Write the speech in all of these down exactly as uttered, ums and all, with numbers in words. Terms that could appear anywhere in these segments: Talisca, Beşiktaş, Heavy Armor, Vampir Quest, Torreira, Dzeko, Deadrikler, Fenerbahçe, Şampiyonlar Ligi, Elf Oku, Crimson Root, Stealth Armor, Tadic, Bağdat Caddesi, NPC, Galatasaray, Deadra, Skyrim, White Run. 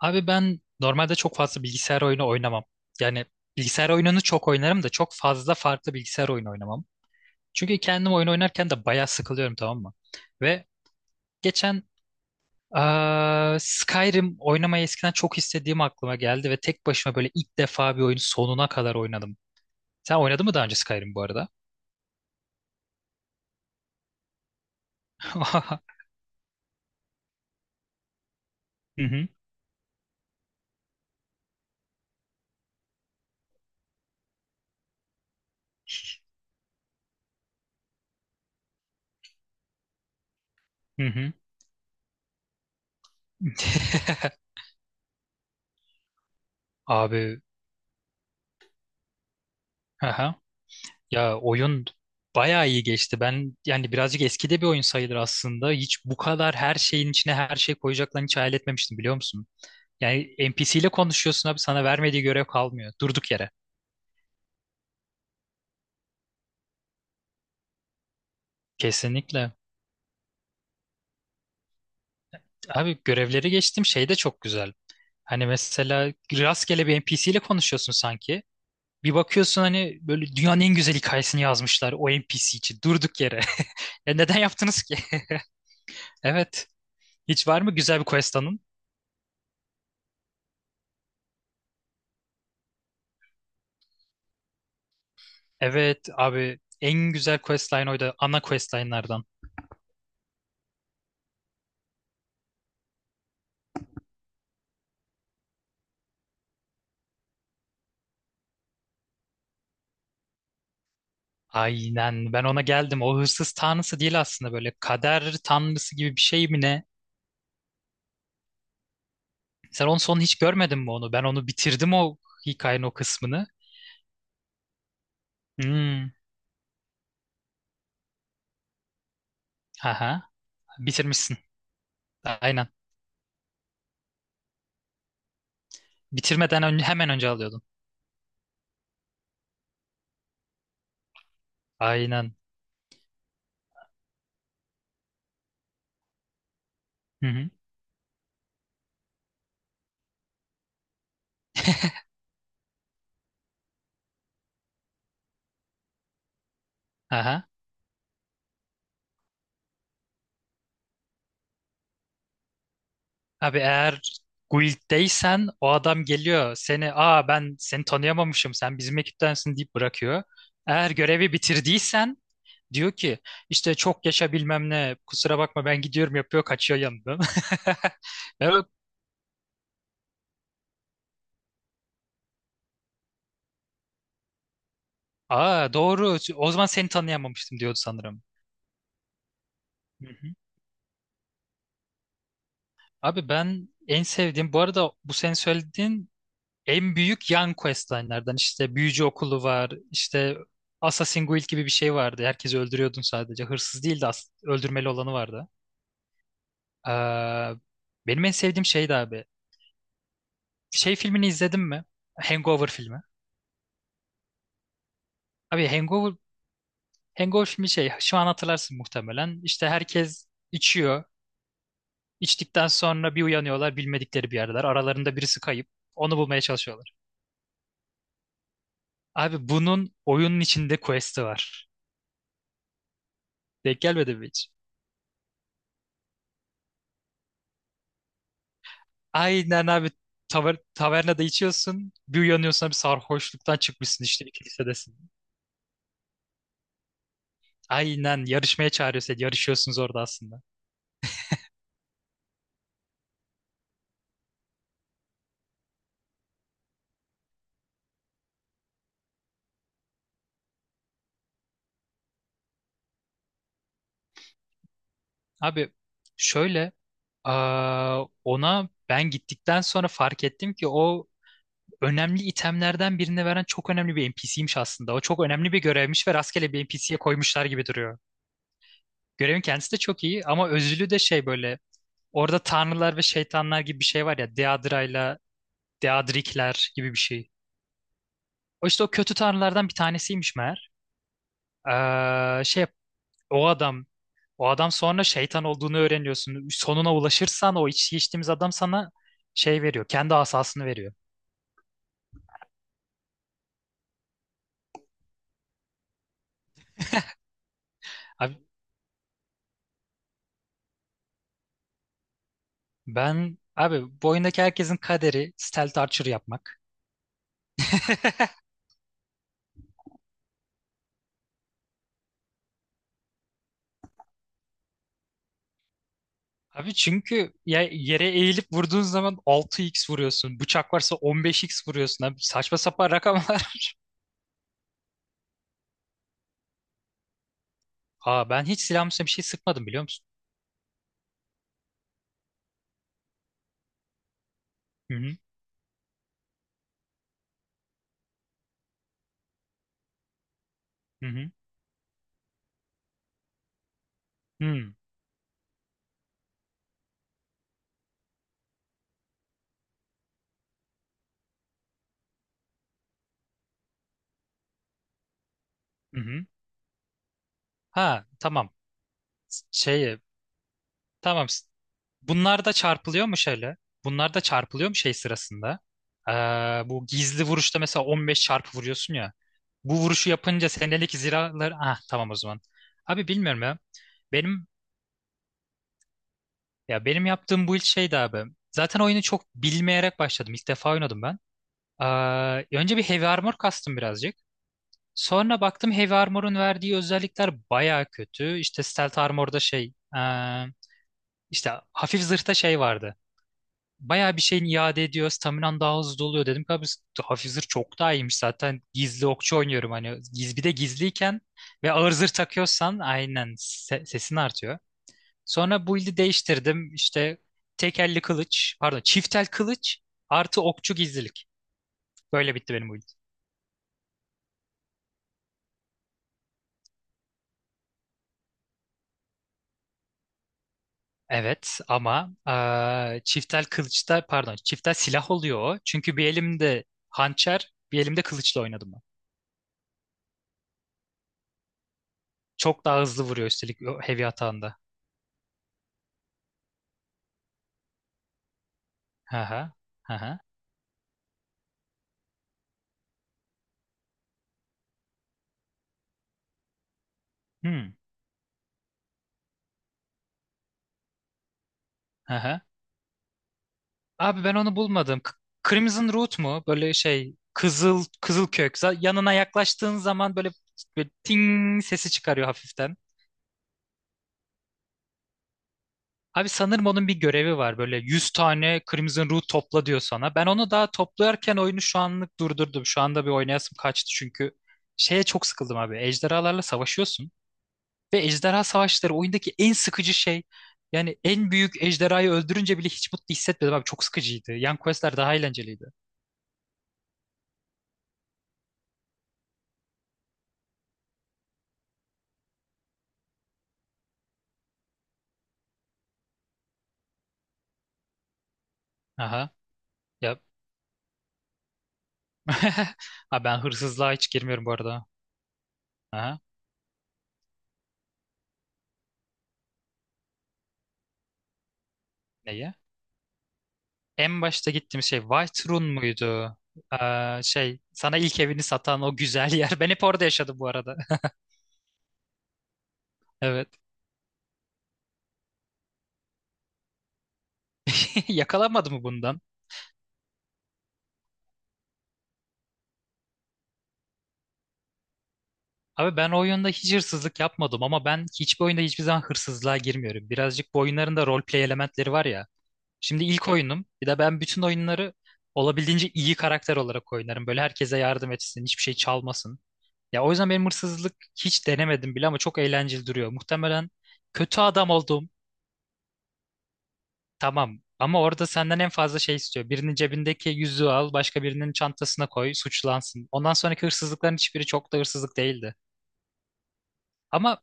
Abi ben normalde çok fazla bilgisayar oyunu oynamam. Yani bilgisayar oyununu çok oynarım da çok fazla farklı bilgisayar oyunu oynamam. Çünkü kendim oyun oynarken de bayağı sıkılıyorum, tamam mı? Ve geçen eee, Skyrim oynamayı eskiden çok istediğim aklıma geldi ve tek başıma böyle ilk defa bir oyunu sonuna kadar oynadım. Sen oynadın mı daha önce Skyrim bu arada? Hı hı. Hı hı. Abi. Ya oyun bayağı iyi geçti. Ben yani birazcık eskide bir oyun sayılır aslında. Hiç bu kadar her şeyin içine her şey koyacaklarını hiç hayal etmemiştim, biliyor musun? Yani N P C ile konuşuyorsun abi, sana vermediği görev kalmıyor. Durduk yere. Kesinlikle. Abi görevleri geçtim, şey de çok güzel. Hani mesela rastgele bir N P C ile konuşuyorsun sanki. Bir bakıyorsun, hani böyle dünyanın en güzel hikayesini yazmışlar o N P C için durduk yere. E neden yaptınız ki? Evet. Hiç var mı güzel bir quest? Evet abi, en güzel questline oydu. Ana questline'lardan. Aynen, ben ona geldim. O hırsız tanrısı değil aslında, böyle kader tanrısı gibi bir şey mi ne? Sen onun sonunu hiç görmedin mi onu? Ben onu bitirdim, o hikayenin o kısmını. Hmm. Aha. Bitirmişsin. Aynen. Bitirmeden önce, hemen önce alıyordun. Aynen. Hı hı. Aha. Abi eğer guilddeysen o adam geliyor, seni, aa ben seni tanıyamamışım, sen bizim ekiptensin deyip bırakıyor. Eğer görevi bitirdiysen diyor ki işte çok yaşa bilmem ne, kusura bakma ben gidiyorum yapıyor, kaçıyor yanından. Ben böyle, aa doğru o zaman seni tanıyamamıştım diyordu sanırım. Hı hı. Abi ben en sevdiğim bu arada, bu senin söylediğin en büyük yan questline'lerden, işte büyücü okulu var, işte Assassin's Guild gibi bir şey vardı, herkesi öldürüyordun, sadece hırsız değil de as- öldürmeli olanı vardı. Ee, benim en sevdiğim şeydi abi, şey filmini izledin mi, Hangover filmi? Abi Hangover Hangover filmi, şey şu an hatırlarsın muhtemelen. İşte herkes içiyor, içtikten sonra bir uyanıyorlar, bilmedikleri bir yerdeler, aralarında birisi kayıp, onu bulmaya çalışıyorlar. Abi bunun oyunun içinde quest'i var, denk gelmedi mi hiç? Aynen abi, taver tavernada içiyorsun. Bir uyanıyorsun abi, sarhoşluktan çıkmışsın, işte bir kilisedesin. Aynen, yarışmaya çağırıyor seni. Yarışıyorsunuz orada aslında. Abi şöyle, aa, ona ben gittikten sonra fark ettim ki o önemli itemlerden birini veren çok önemli bir N P C'ymiş aslında. O çok önemli bir görevmiş ve rastgele bir N P C'ye koymuşlar gibi duruyor. Görevin kendisi de çok iyi, ama özülü de şey, böyle orada tanrılar ve şeytanlar gibi bir şey var ya, Deadra'yla Deadrikler gibi bir şey. O işte o kötü tanrılardan bir tanesiymiş meğer. Ee, şey o adam o adam sonra şeytan olduğunu öğreniyorsun. Sonuna ulaşırsan o iç geçtiğimiz adam sana şey veriyor. Kendi asasını veriyor. Abi ben abi bu oyundaki herkesin kaderi stealth archer yapmak. Abi çünkü ya yere eğilip vurduğun zaman altı x vuruyorsun. Bıçak varsa on beş x vuruyorsun. Abi saçma sapan rakamlar. Aa ben hiç silahımın üstüne bir şey sıkmadım, biliyor musun? Hı hı, hı hı, hı hı. Hı. Ha tamam. Şey Tamam. Bunlar da çarpılıyor mu şöyle? Bunlar da çarpılıyor mu şey sırasında? Ee, bu gizli vuruşta mesela on beş çarpı vuruyorsun ya. Bu vuruşu yapınca senelik ziralar... Ah tamam o zaman. Abi bilmiyorum ya. Benim ya benim yaptığım bu ilk şeydi abi. Zaten oyunu çok bilmeyerek başladım. İlk defa oynadım ben. Ee, önce bir Heavy Armor kastım birazcık. Sonra baktım Heavy Armor'un verdiği özellikler baya kötü. İşte Stealth Armor'da şey... ee, işte hafif zırhta şey vardı. Bayağı bir şeyin iade ediyor. Staminan daha hızlı doluyor, dedim ki abi hafif zırh çok daha iyiymiş, zaten gizli okçu oynuyorum hani, giz, bir de gizliyken ve ağır zırh takıyorsan aynen se- sesin artıyor. Sonra build'i değiştirdim, işte tek elli kılıç, pardon çift el kılıç artı okçu gizlilik. Böyle bitti benim build. Evet ama eee çiftel kılıçta, pardon çiftel silah oluyor o. Çünkü bir elimde hançer, bir elimde kılıçla oynadım ben. Çok daha hızlı vuruyor üstelik o heavy atağında. Hı hı. Hı hı. Hmm. Aha. Abi ben onu bulmadım. K- Crimson Root mu? Böyle şey kızıl kızıl kök. Za- Yanına yaklaştığın zaman böyle, böyle ting sesi çıkarıyor hafiften. Abi sanırım onun bir görevi var. Böyle yüz tane Crimson Root topla diyor sana. Ben onu daha toplarken oyunu şu anlık durdurdum. Şu anda bir oynayasım kaçtı çünkü şeye çok sıkıldım abi. Ejderhalarla savaşıyorsun ve ejderha savaşları oyundaki en sıkıcı şey. Yani en büyük ejderhayı öldürünce bile hiç mutlu hissetmedim abi. Çok sıkıcıydı. Yan questler daha eğlenceliydi. Aha. Ya, ha ben hırsızlığa hiç girmiyorum bu arada. Aha, neye? En başta gittiğim şey White Run muydu? Ee, şey sana ilk evini satan o güzel yer. Ben hep orada yaşadım bu arada. Evet. Yakalanmadı mı bundan? Abi ben o oyunda hiç hırsızlık yapmadım, ama ben hiçbir oyunda hiçbir zaman hırsızlığa girmiyorum. Birazcık bu oyunların da roleplay elementleri var ya. Şimdi ilk oyunum. Bir de ben bütün oyunları olabildiğince iyi karakter olarak oynarım. Böyle herkese yardım etsin, hiçbir şey çalmasın. Ya o yüzden benim hırsızlık, hiç denemedim bile ama çok eğlenceli duruyor. Muhtemelen kötü adam oldum. Tamam. Ama orada senden en fazla şey istiyor. Birinin cebindeki yüzüğü al, başka birinin çantasına koy, suçlansın. Ondan sonraki hırsızlıkların hiçbiri çok da hırsızlık değildi. Ama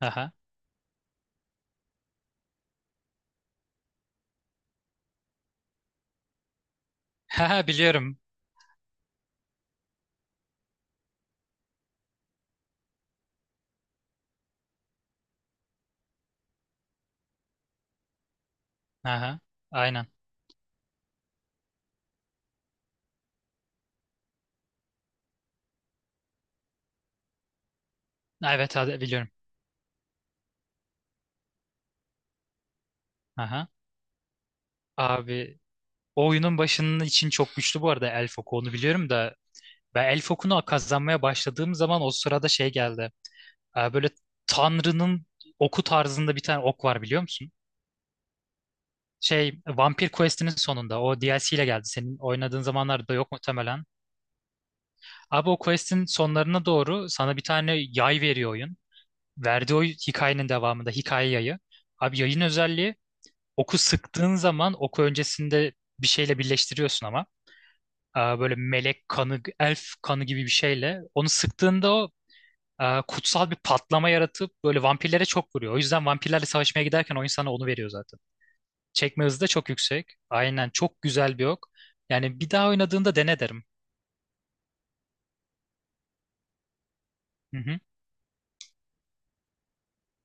aha. Haha biliyorum. Aha. Aynen. Evet hadi biliyorum. Aha. Abi o oyunun başının için çok güçlü bu arada Elf Oku, onu biliyorum da ben Elf Oku'nu kazanmaya başladığım zaman o sırada şey geldi. Ee, böyle Tanrı'nın oku tarzında bir tane ok var, biliyor musun? Şey Vampir Quest'inin sonunda o D L C ile geldi. Senin oynadığın zamanlarda yok muhtemelen. Abi o quest'in sonlarına doğru sana bir tane yay veriyor oyun. Verdiği o hikayenin devamında hikaye yayı. Abi yayın özelliği, oku sıktığın zaman oku öncesinde bir şeyle birleştiriyorsun ama. Ee, Böyle melek kanı, elf kanı gibi bir şeyle. Onu sıktığında o e, kutsal bir patlama yaratıp böyle vampirlere çok vuruyor. O yüzden vampirlerle savaşmaya giderken oyun sana onu veriyor zaten. Çekme hızı da çok yüksek. Aynen çok güzel bir ok. Yani bir daha oynadığında dene derim. Hı hı.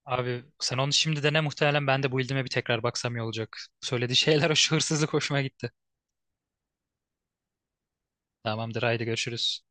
Abi sen onu şimdi dene, muhtemelen ben de bu build'ime bir tekrar baksam iyi olacak. Söylediği şeyler, o şu hırsızlık hoşuma gitti. Tamamdır, haydi görüşürüz.